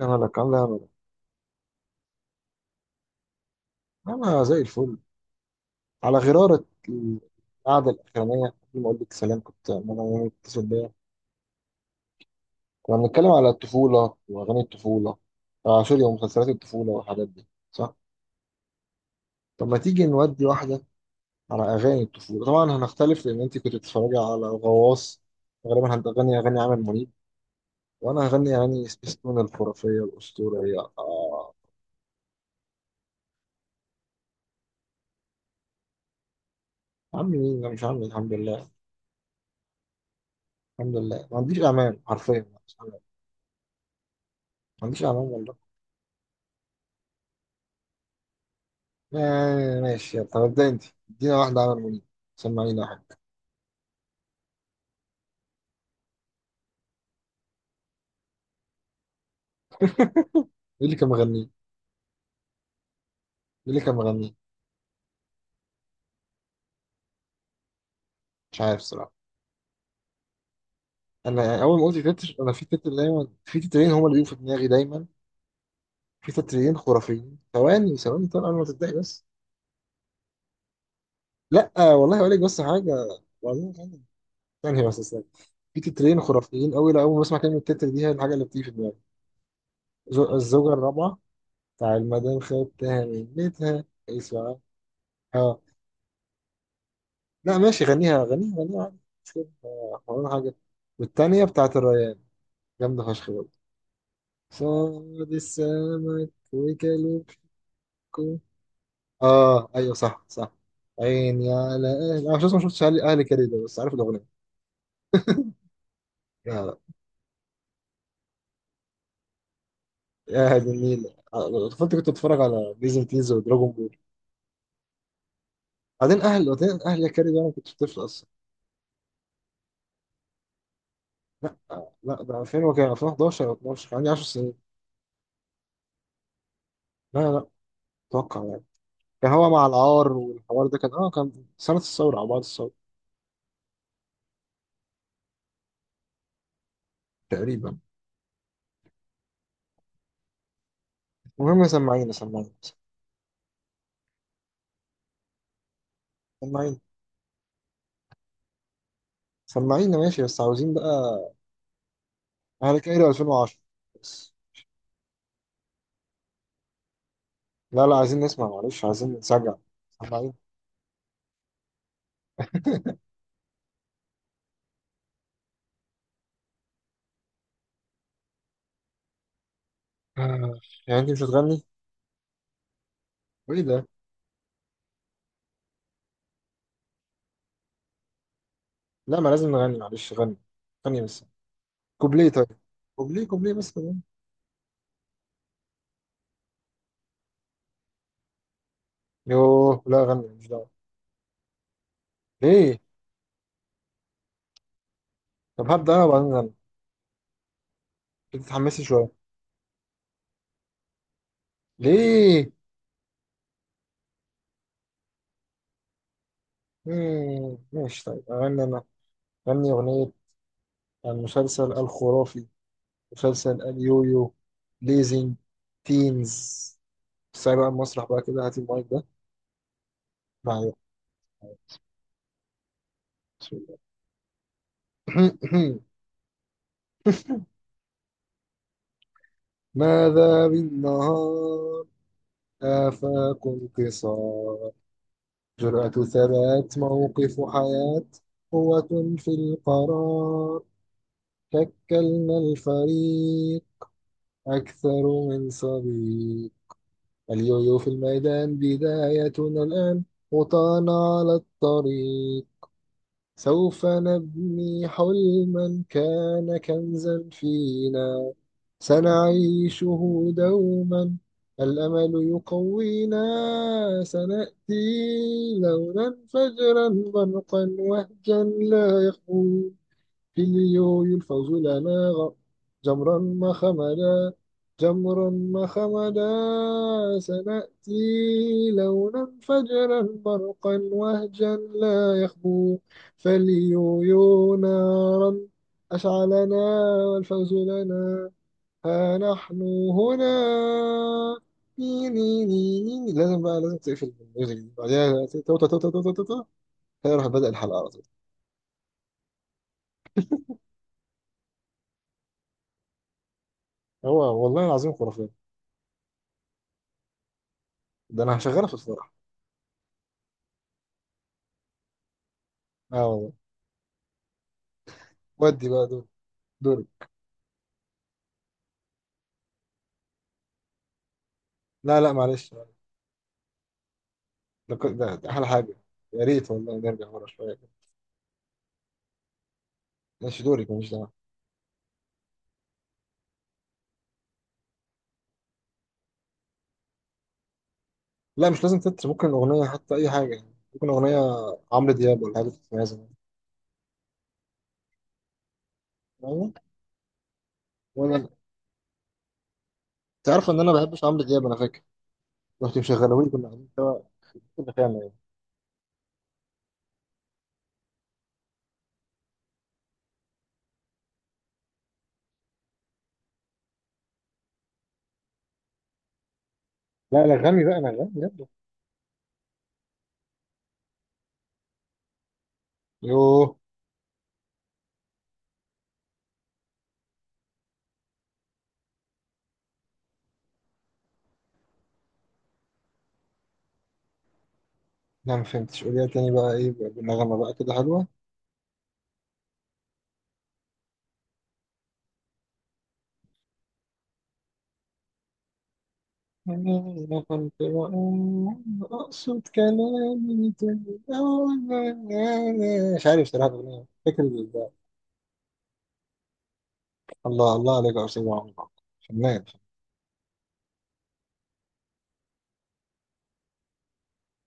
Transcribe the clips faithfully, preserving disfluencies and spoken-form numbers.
أنا لك على الأمل. أنا زي الفل. على غرارة القعدة الأخرانية، قبل ما أقول لك سلام كنت أنا متصل بيا. كنا بنتكلم على الطفولة وأغاني الطفولة. آه سوري، ومسلسلات الطفولة والحاجات دي، صح؟ طب ما تيجي نودي واحدة على أغاني الطفولة. طبعا هنختلف لأن أنت كنت بتتفرجي على غواص، غالبا هتغني أغاني عامر منيب، وأنا هغني أغاني سبيستون الخرافية الأسطورية. آه، عمي مين؟ أنا مش عمي الحمد لله. الحمد لله ما عنديش أمان، حرفيا ما عنديش أمان، ما عنديش أمان. آه ماشي يلا، طب ابدأ انت، ادينا واحدة عمل منيب. سمعينا واحد. مين اللي كان مغنيه؟ مين اللي كان مغنيه؟ مش عارف الصراحة. أنا يعني أول ما قلت تتر، أنا في تتر دايما، في تترين هما اللي بيجوا في دماغي دايما. في تترين خرافيين، ثواني ثواني طبعا، أنا ما تتضايق بس. لا آه والله أقول لك بس حاجة. والله حاجة. ثانية بس، ثانية. في تترين خرافيين أوي، لا أول ما بسمع كلمة تتر دي هي الحاجة اللي بتيجي في دماغي. زو- الزوجة الرابعة، بتاع المدام خدتها من بيتها اسمها. لا ماشي، غنيها غنيها غنيها عادي. مش كده آه، ولا حاجة. والتانية بتاعت الريان، جامدة فشخ برضه. صاد السمك وكلوشكو. اه ايوه، صح صح. عيني على اهلي، انا مش ما شفتش اهلي، اهلي كريدة، بس عارف الاغنية. يا، يا هادي النيل. آه، طفلتي كنت بتفرج على ديزني تيز ودراجون بول. بعدين اهل، بعدين اهل يا كريدة، انا ما كنتش طفل اصلا. لا آه، لا ده ألفين، وكان ألفين وحداشر او اتناشر، كان عندي 10 سنين. لا لا، اتوقع يعني. كان هو مع العار والحوار ده، كان اه كان سنة الثورة أو بعد الثورة تقريبا. المهم، سمعينا سمعينا. سمعينا. سمعينا ماشي، بس عاوزين بقى. هاري كايرو ألفين وعشرة بس. لا لا، عايزين نسمع، معلش عايزين نسجع. سمعينا. آه، يعني انت مش هتغني؟ وايه ده؟ لا ما لازم نغني، معلش غني. غني بس كوبليه، طيب كوبليه، كوبليه بس كمان. يوه لا غني، مش دعوة. ليه؟ طب هبدأ انا وبعدين غني. كنت تتحمسي شوية. ليه؟ مم، ماشي، طيب اغني انا. غني اغنية المسلسل الخرافي، مسلسل اليويو ليزنج تينز. بس بقى المسرح بقى كده، هاتي المايك ده معايا. بسم الله. ماذا بالنهار، آفاق انتصار، جرأة ثبات موقف حياة، قوة في القرار. شكلنا الفريق أكثر من صديق. اليويو في الميدان، بدايتنا الآن، خطانا على الطريق. سوف نبني حلما كان كنزا فينا، سنعيشه دوما، الأمل يقوينا. سنأتي لونا فجرا، برقا وهجا لا يخفو، بليو يلفظ لنا غ- جمرا ما خمدا. جمرا ما خمدا. سنأتي لونا فجرا، برقا وهجا لا يخبو، فليو نارا أشعلنا، والفوز لنا. ها نحن هنا. ني ني ني ني ني. لازم بقى، لازم تقفل الميوزك دي، بعدها توتا توتا توتا توتا. هي راح بدأ الحلقة على طول. هو والله العظيم خرافي. ده انا هشغلها في الفرح. اه. ودي بقى دور، دوري. لا لا معلش، ده ك- ده- ده احلى حاجه. يا ريت والله نرجع ورا شويه كده. ماشي دوري، ماليش دعوه. لا مش لازم تتر، ممكن اغنيه حتى، اي حاجه يعني، ممكن اغنيه عمرو دياب ولا حاجه تتميز بيها. أيوة. ولا تعرف ان انا ما بحبش عمرو دياب؟ انا فاكر رحت مشغله لي، كنا قاعدين سوا، كنت بخيال يعني. لا لا غني بقى، انا غني يلا. يوه، لا ما فهمتش، قول لي تاني بقى، ايه بقى؟ بالنغمه بقى كده حلوه. أنا كنت وأنا أقصد كلامي تاني أولاً. مش عارف صراحة الأغنية، فاكر ال- الله الله عليك يا أستاذ عمرو عبد. فنان.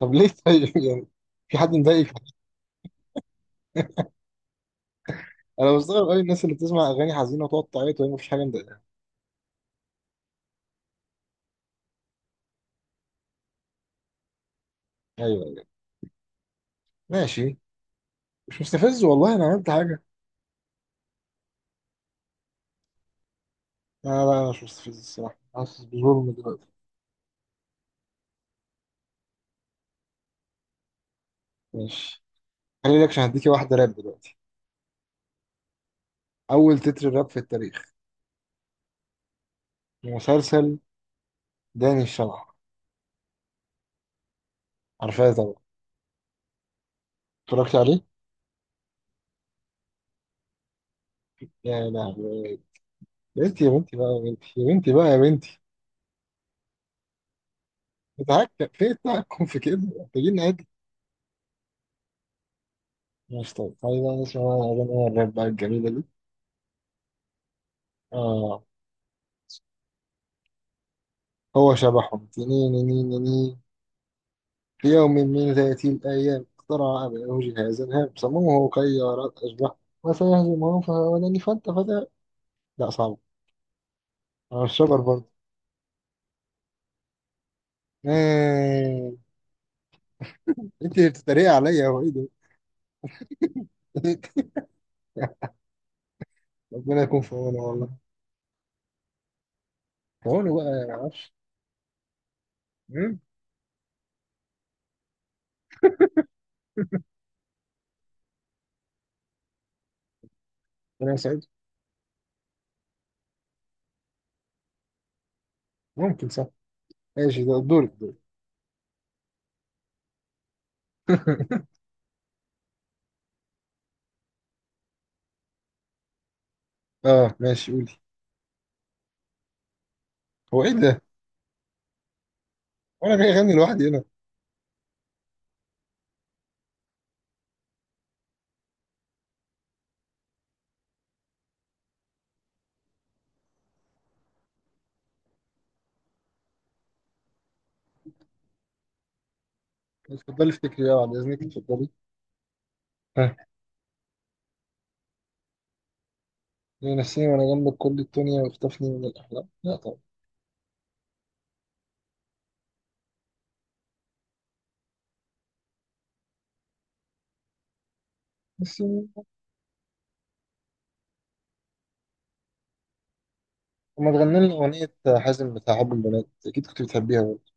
طب ليه طيب يعني؟ في حد مضايقك؟ أنا مستغرب أوي الناس اللي بتسمع أغاني حزينة وتقعد تعيط وهي مفيش حاجة مضايقها. أيوه أيوه، ماشي. مش مستفز والله، أنا عملت حاجة؟ لا لا أنا مش مستفز الصراحة، حاسس بظلم دلوقتي. ماشي، خلي لك، عشان هديكي واحدة راب دلوقتي. أول تتر راب في التاريخ، مسلسل داني الشمعة. عارفاه طبعا. اتفرجت عليه؟ يا لهوي، يا بنتي يا بنتي بقى، يا بنتي يا بنتي بقى يا بنتي. بتهكر في تهكم في كده، محتاجين نعدل. مش طيب تعالي بقى نسمع بقى أغاني الراب بقى الجميلة دي. آه، هو شبحهم، تنين نين نين. في يوم من ذات الأيام، اخترع أبنه جهازا هام، سموه كيارات أشبح، وسيهزمهم فهاولني فأنت فتى. لا صعب، على الشجر برضه. آه. أنت اللي بتتريق عليا، هو إيه ده؟ ربنا يكون في عونه والله. في عونه بقى، أنا معرفش. ربنا يسعدك. ممكن صح. ماشي، ده دورك، دورك. اه ماشي قولي. هو ايه ده؟ وانا جاي اغني لوحدي هنا. اتفضلي افتكري، اه بعد اذنك اتفضلي. ها؟ ليه نسيني وانا جنبك كل الدنيا، واختفني من الاحلام؟ لا طبعا. بس لما تغني لنا اغنيه حازم بتاع حب البنات اكيد كنت بتحبيها برضه.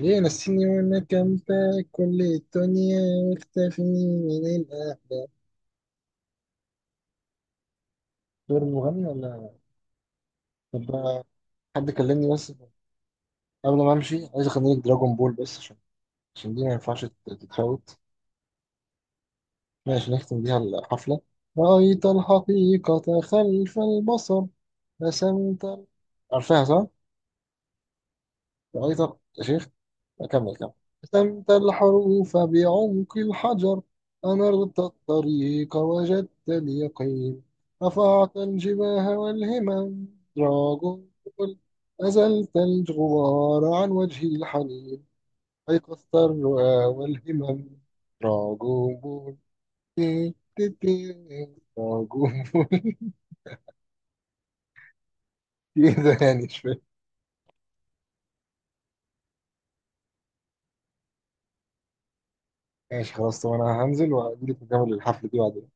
ليه نسيني وانا جنبك كل الدنيا، واختفني من الاحلام. دور المغني ولا؟ طب آه، حد كلمني بس، قبل ما امشي عايز اغني لك دراجون بول، بس عشان، عشان دي ما ينفعش تت- تتفوت. ماشي نختم بيها الحفلة. رأيت الحقيقة خلف البصر، رسمت ال- عارفاها صح؟ رأيت، يا شيخ. أكمل، كمل. رسمت الحروف بعمق الحجر، أنرت الطريق وجدت اليقين، رفعت الجباه والهمم. دراج. أزلت الغبار عن وجه الحنين، أيقظت الرؤى والهمم. دراج. موجود. كده يعني مش فاهم. ماشي خلاص، طب انا هنزل واجيلك نكمل الحفلة دي بعدين.